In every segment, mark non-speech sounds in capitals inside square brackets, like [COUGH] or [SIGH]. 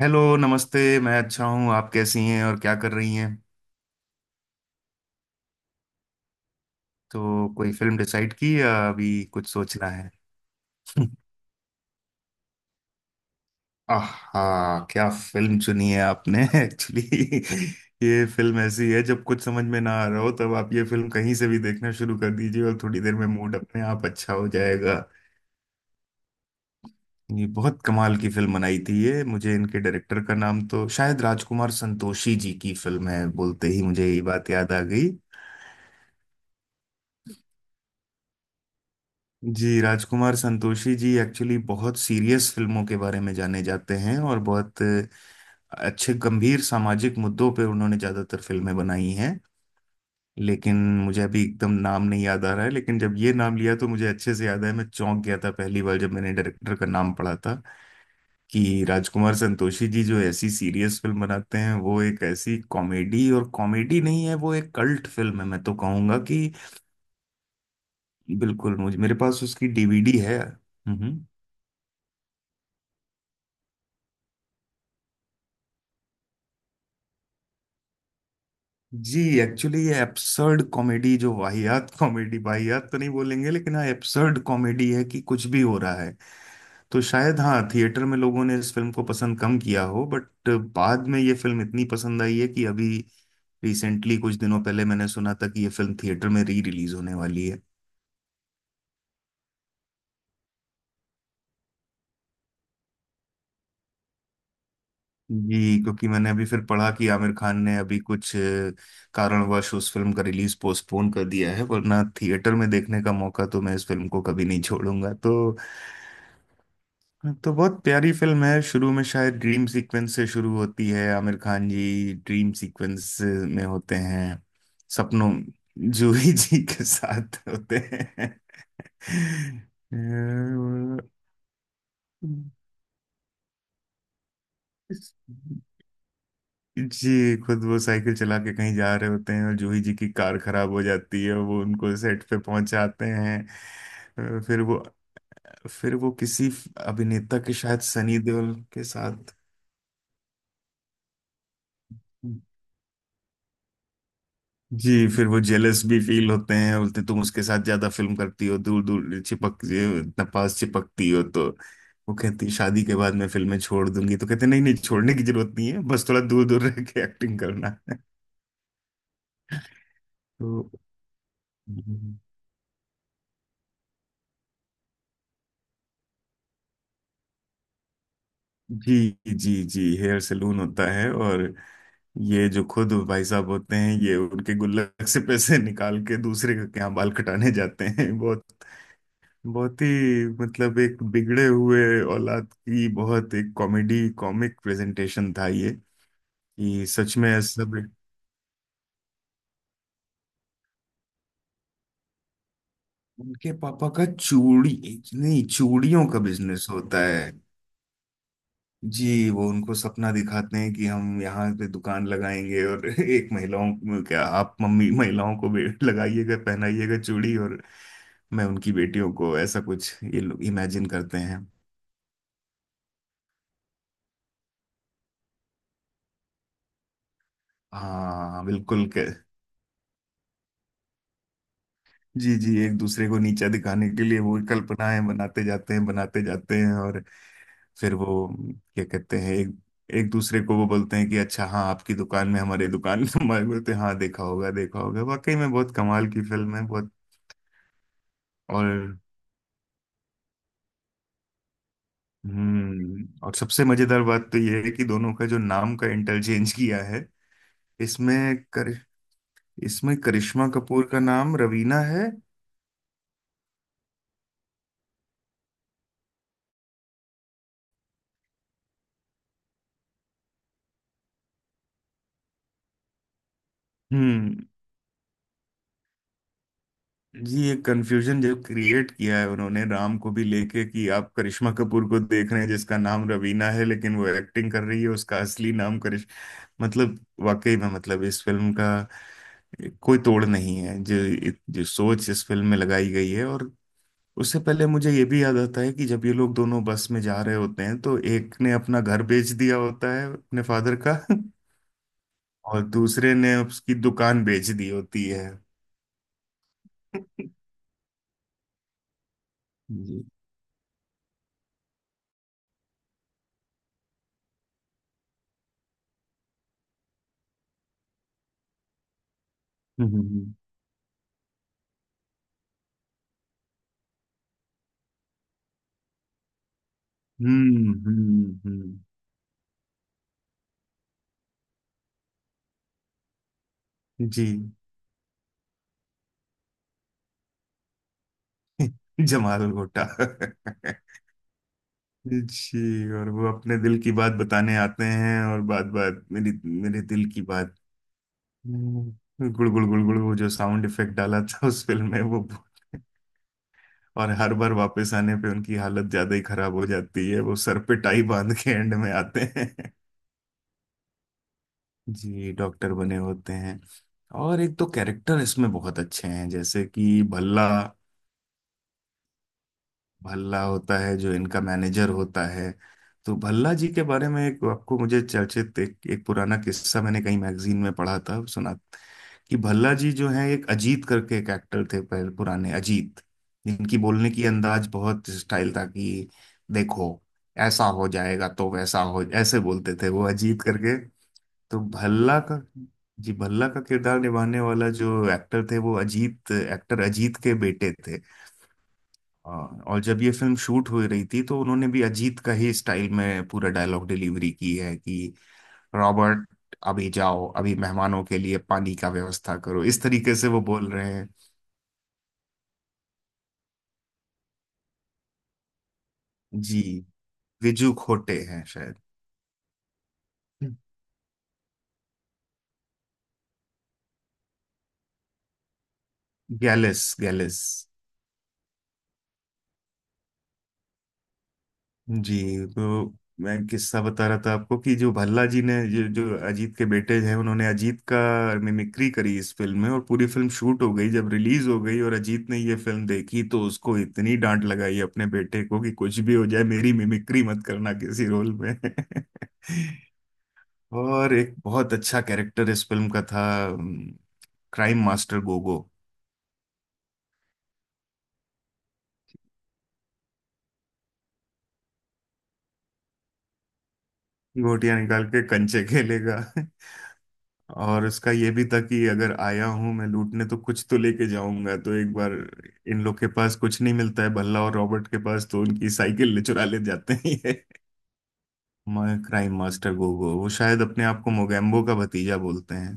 Hello नमस्ते मैं अच्छा हूँ। आप कैसी हैं और क्या कर रही हैं। तो कोई फिल्म डिसाइड की या अभी कुछ सोचना है। [LAUGHS] आहा क्या फिल्म चुनी है आपने। [LAUGHS] एक्चुअली ये फिल्म ऐसी है जब कुछ समझ में ना आ रहा हो तब आप ये फिल्म कहीं से भी देखना शुरू कर दीजिए और थोड़ी देर में मूड अपने आप अच्छा हो जाएगा। ये बहुत कमाल की फिल्म बनाई थी। ये मुझे इनके डायरेक्टर का नाम तो शायद राजकुमार संतोषी जी की फिल्म है, बोलते ही मुझे ये बात याद आ गई। जी राजकुमार संतोषी जी एक्चुअली बहुत सीरियस फिल्मों के बारे में जाने जाते हैं और बहुत अच्छे गंभीर सामाजिक मुद्दों पे उन्होंने ज़्यादातर फिल्में बनाई हैं, लेकिन मुझे अभी एकदम नाम नहीं याद आ रहा है, लेकिन जब ये नाम लिया तो मुझे अच्छे से याद है। मैं चौंक गया था पहली बार जब मैंने डायरेक्टर का नाम पढ़ा था, कि राजकुमार संतोषी जी जो ऐसी सीरियस फिल्म बनाते हैं वो एक ऐसी कॉमेडी, और कॉमेडी नहीं है, वो एक कल्ट फिल्म है मैं तो कहूँगा कि। बिल्कुल, मुझे मेरे पास उसकी डीवीडी है। हम्म। जी एक्चुअली ये एब्सर्ड कॉमेडी जो, वाहियात कॉमेडी, वाहियात तो नहीं बोलेंगे, लेकिन हाँ एब्सर्ड कॉमेडी है कि कुछ भी हो रहा है। तो शायद हाँ थिएटर में लोगों ने इस फिल्म को पसंद कम किया हो, बट बाद में ये फिल्म इतनी पसंद आई है कि अभी रिसेंटली कुछ दिनों पहले मैंने सुना था कि ये फिल्म थिएटर में री रिलीज होने वाली है। जी क्योंकि मैंने अभी फिर पढ़ा कि आमिर खान ने अभी कुछ कारणवश उस फिल्म का रिलीज पोस्टपोन कर दिया है वरना थिएटर में देखने का मौका तो मैं इस फिल्म को कभी नहीं छोड़ूंगा। तो बहुत प्यारी फिल्म है। शुरू में शायद ड्रीम सीक्वेंस से शुरू होती है, आमिर खान जी ड्रीम सीक्वेंस में होते हैं। सपनों जूही [LAUGHS] जी के साथ होते हैं। जी खुद वो साइकिल चला के कहीं जा रहे होते हैं और जूही जी की कार खराब हो जाती है, वो उनको सेट पे पहुंचाते हैं, फिर वो किसी अभिनेता के, शायद सनी देओल के साथ। जी फिर वो जेलस भी फील होते हैं, बोलते तुम उसके साथ ज्यादा फिल्म करती हो, दूर दूर चिपक, इतना पास चिपकती हो तो। वो कहती शादी के बाद मैं फिल्में छोड़ दूंगी, तो कहते नहीं नहीं छोड़ने की जरूरत नहीं है, बस थोड़ा दूर दूर रह के एक्टिंग करना है। तो जी जी जी, हेयर सैलून होता है। और ये जो खुद भाई साहब होते हैं ये उनके गुल्लक से पैसे निकाल के दूसरे के यहाँ बाल कटाने जाते हैं। बहुत बहुत ही मतलब एक बिगड़े हुए औलाद की बहुत एक कॉमेडी, कॉमिक प्रेजेंटेशन था ये, कि सच में सब। उनके पापा का चूड़ी, नहीं चूड़ियों का बिजनेस होता है। जी वो उनको सपना दिखाते हैं कि हम यहाँ पे दुकान लगाएंगे और [LAUGHS] एक महिलाओं को- क्या आप मम्मी, महिलाओं को भी लगाइएगा पहनाइएगा चूड़ी, और मैं उनकी बेटियों को, ऐसा कुछ ये लोग इमेजिन करते हैं। हाँ बिल्कुल। जी जी एक दूसरे को नीचा दिखाने के लिए वो कल्पनाएं बनाते जाते हैं बनाते जाते हैं। और फिर वो क्या कहते हैं, एक एक दूसरे को वो बोलते हैं कि अच्छा हाँ आपकी दुकान में, हमारी दुकान में हमारे, बोलते हैं हाँ देखा होगा देखा होगा। वाकई में बहुत कमाल की फिल्म है बहुत। और और सबसे मजेदार बात तो ये है कि दोनों का जो नाम का इंटरचेंज किया है इसमें। कर इसमें करिश्मा कपूर का नाम रवीना है। हम्म जी ये कंफ्यूजन जो क्रिएट किया है उन्होंने राम को भी लेके, कि आप करिश्मा कपूर को देख रहे हैं जिसका नाम रवीना है, लेकिन वो एक्टिंग कर रही है उसका असली नाम करिश मतलब, वाकई में मतलब इस फिल्म का कोई तोड़ नहीं है, जो जो सोच इस फिल्म में लगाई गई है। और उससे पहले मुझे ये भी याद आता है कि जब ये लोग दोनों बस में जा रहे होते हैं तो एक ने अपना घर बेच दिया होता है अपने फादर का, [LAUGHS] और दूसरे ने उसकी दुकान बेच दी होती है। [LAUGHS] जी। हम्म हम्म, हम्म। हम्म हम्म हम्म, जी। [LAUGHS] जमाल भुट्टा। [LAUGHS] जी, और वो अपने दिल की बात बताने आते हैं, और बात बात मेरी मेरे दिल की बात। गुड़ गुड़ गुड़ गुड़, वो जो साउंड इफेक्ट डाला था उस फिल्म में वो। [LAUGHS] और हर बार वापस आने पे उनकी हालत ज्यादा ही खराब हो जाती है, वो सर पे टाई बांध के एंड में आते हैं। [LAUGHS] जी डॉक्टर बने होते हैं। और एक तो कैरेक्टर इसमें बहुत अच्छे हैं, जैसे कि भल्ला। भल्ला होता है जो इनका मैनेजर होता है। तो भल्ला जी के बारे में एक आपको, मुझे चर्चित एक पुराना किस्सा मैंने कहीं मैगजीन में पढ़ा था, सुना कि भल्ला जी जो है, एक अजीत करके एक एक्टर थे पहले, पुराने अजीत, जिनकी बोलने की अंदाज बहुत स्टाइल था कि, देखो ऐसा हो जाएगा तो वैसा हो, ऐसे बोलते थे वो अजीत करके। तो भल्ला का जी भल्ला का किरदार निभाने वाला जो एक्टर थे वो अजीत, एक्टर अजीत के बेटे थे। हाँ, और जब ये फिल्म शूट हो रही थी तो उन्होंने भी अजीत का ही स्टाइल में पूरा डायलॉग डिलीवरी की है कि, रॉबर्ट अभी जाओ, अभी मेहमानों के लिए पानी का व्यवस्था करो, इस तरीके से वो बोल रहे हैं। जी विजू खोटे हैं शायद। गैलिस, गैलिस। जी तो मैं किस्सा बता रहा था आपको कि, जो भल्ला जी ने, जो जो अजीत के बेटे हैं, उन्होंने अजीत का मिमिक्री करी इस फिल्म में, और पूरी फिल्म शूट हो गई, जब रिलीज हो गई और अजीत ने ये फिल्म देखी तो उसको इतनी डांट लगाई अपने बेटे को कि, कुछ भी हो जाए मेरी मिमिक्री मत करना किसी रोल में। [LAUGHS] और एक बहुत अच्छा कैरेक्टर इस फिल्म का था, क्राइम मास्टर गोगो। गोटियां निकाल के कंचे खेलेगा। और उसका ये भी था कि, अगर आया हूं मैं लूटने तो कुछ तो लेके जाऊंगा, तो एक बार इन लोग के पास कुछ नहीं मिलता है, भल्ला और रॉबर्ट के पास, तो उनकी साइकिल ले, चुरा ले जाते हैं ये। मैं क्राइम मास्टर गोगो वो शायद अपने आप को मोगैम्बो का भतीजा बोलते हैं।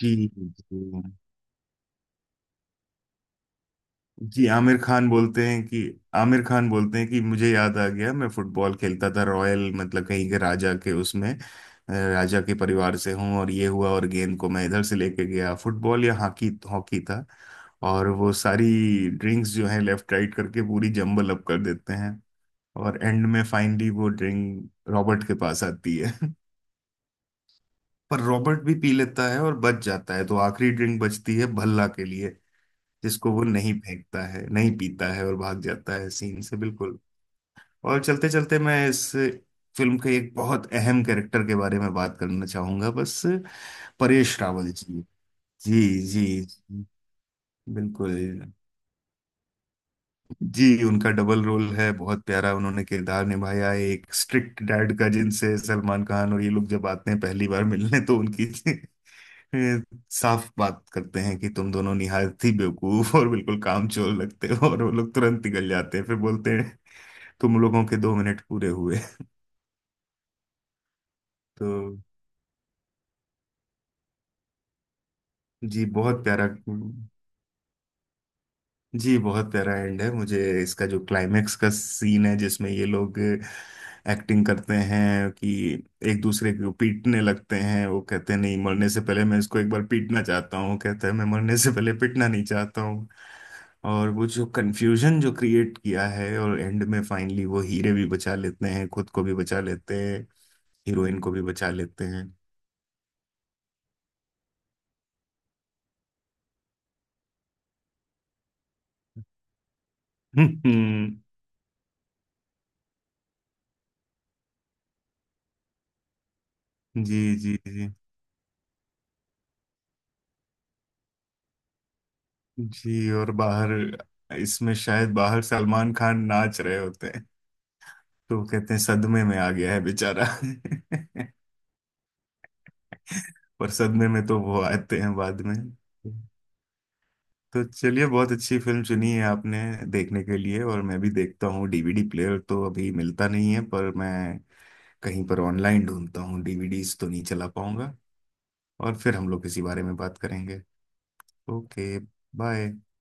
जी जी जी। आमिर खान बोलते हैं कि मुझे याद आ गया, मैं फुटबॉल खेलता था रॉयल, मतलब कहीं के राजा के उसमें राजा के परिवार से हूँ, और ये हुआ और गेंद को मैं इधर से लेके गया, फुटबॉल या हॉकी, हॉकी था। और वो सारी ड्रिंक्स जो है लेफ्ट राइट करके पूरी जम्बल अप कर देते हैं। और एंड में फाइनली वो ड्रिंक रॉबर्ट के पास आती है। [LAUGHS] पर रॉबर्ट भी पी लेता है और बच जाता है, तो आखिरी ड्रिंक बचती है भल्ला के लिए, जिसको वो नहीं फेंकता है, नहीं पीता है और भाग जाता है सीन से, बिल्कुल। और चलते चलते मैं इस फिल्म के एक बहुत अहम कैरेक्टर के बारे में बात करना चाहूंगा बस। परेश रावल जी। जी जी जी, बिल्कुल। जी उनका डबल रोल है, बहुत प्यारा उन्होंने किरदार निभाया है। एक स्ट्रिक्ट डैड का, जिनसे सलमान खान और ये लोग जब आते हैं पहली बार मिलने तो उनकी [LAUGHS] फिर साफ बात करते हैं कि, तुम दोनों निहायत ही बेवकूफ और बिल्कुल कामचोर लगते हो, और वो लोग तुरंत निकल जाते हैं, फिर बोलते हैं तुम लोगों के 2 मिनट पूरे हुए। तो जी बहुत प्यारा। जी बहुत प्यारा एंड है, मुझे इसका जो क्लाइमेक्स का सीन है जिसमें ये लोग एक्टिंग करते हैं कि एक दूसरे को पीटने लगते हैं, वो कहते हैं नहीं मरने से पहले मैं इसको एक बार पीटना चाहता हूँ, कहता है मैं मरने से पहले पीटना नहीं चाहता हूँ। और वो जो कन्फ्यूजन जो क्रिएट किया है, और एंड में फाइनली वो हीरे भी बचा लेते हैं, खुद को भी बचा लेते हैं, हीरोइन को भी बचा लेते हैं। [LAUGHS] जी जी जी जी। और बाहर इसमें शायद बाहर सलमान खान नाच रहे होते हैं। तो वो कहते हैं सदमे में आ गया है बेचारा। [LAUGHS] पर सदमे में तो वो आते हैं बाद में। तो चलिए बहुत अच्छी फिल्म चुनी है आपने देखने के लिए, और मैं भी देखता हूँ। डीवीडी प्लेयर तो अभी मिलता नहीं है पर मैं कहीं पर ऑनलाइन ढूंढता हूँ, डीवीडीज तो नहीं चला पाऊंगा। और फिर हम लोग इसी बारे में बात करेंगे। ओके। बाय।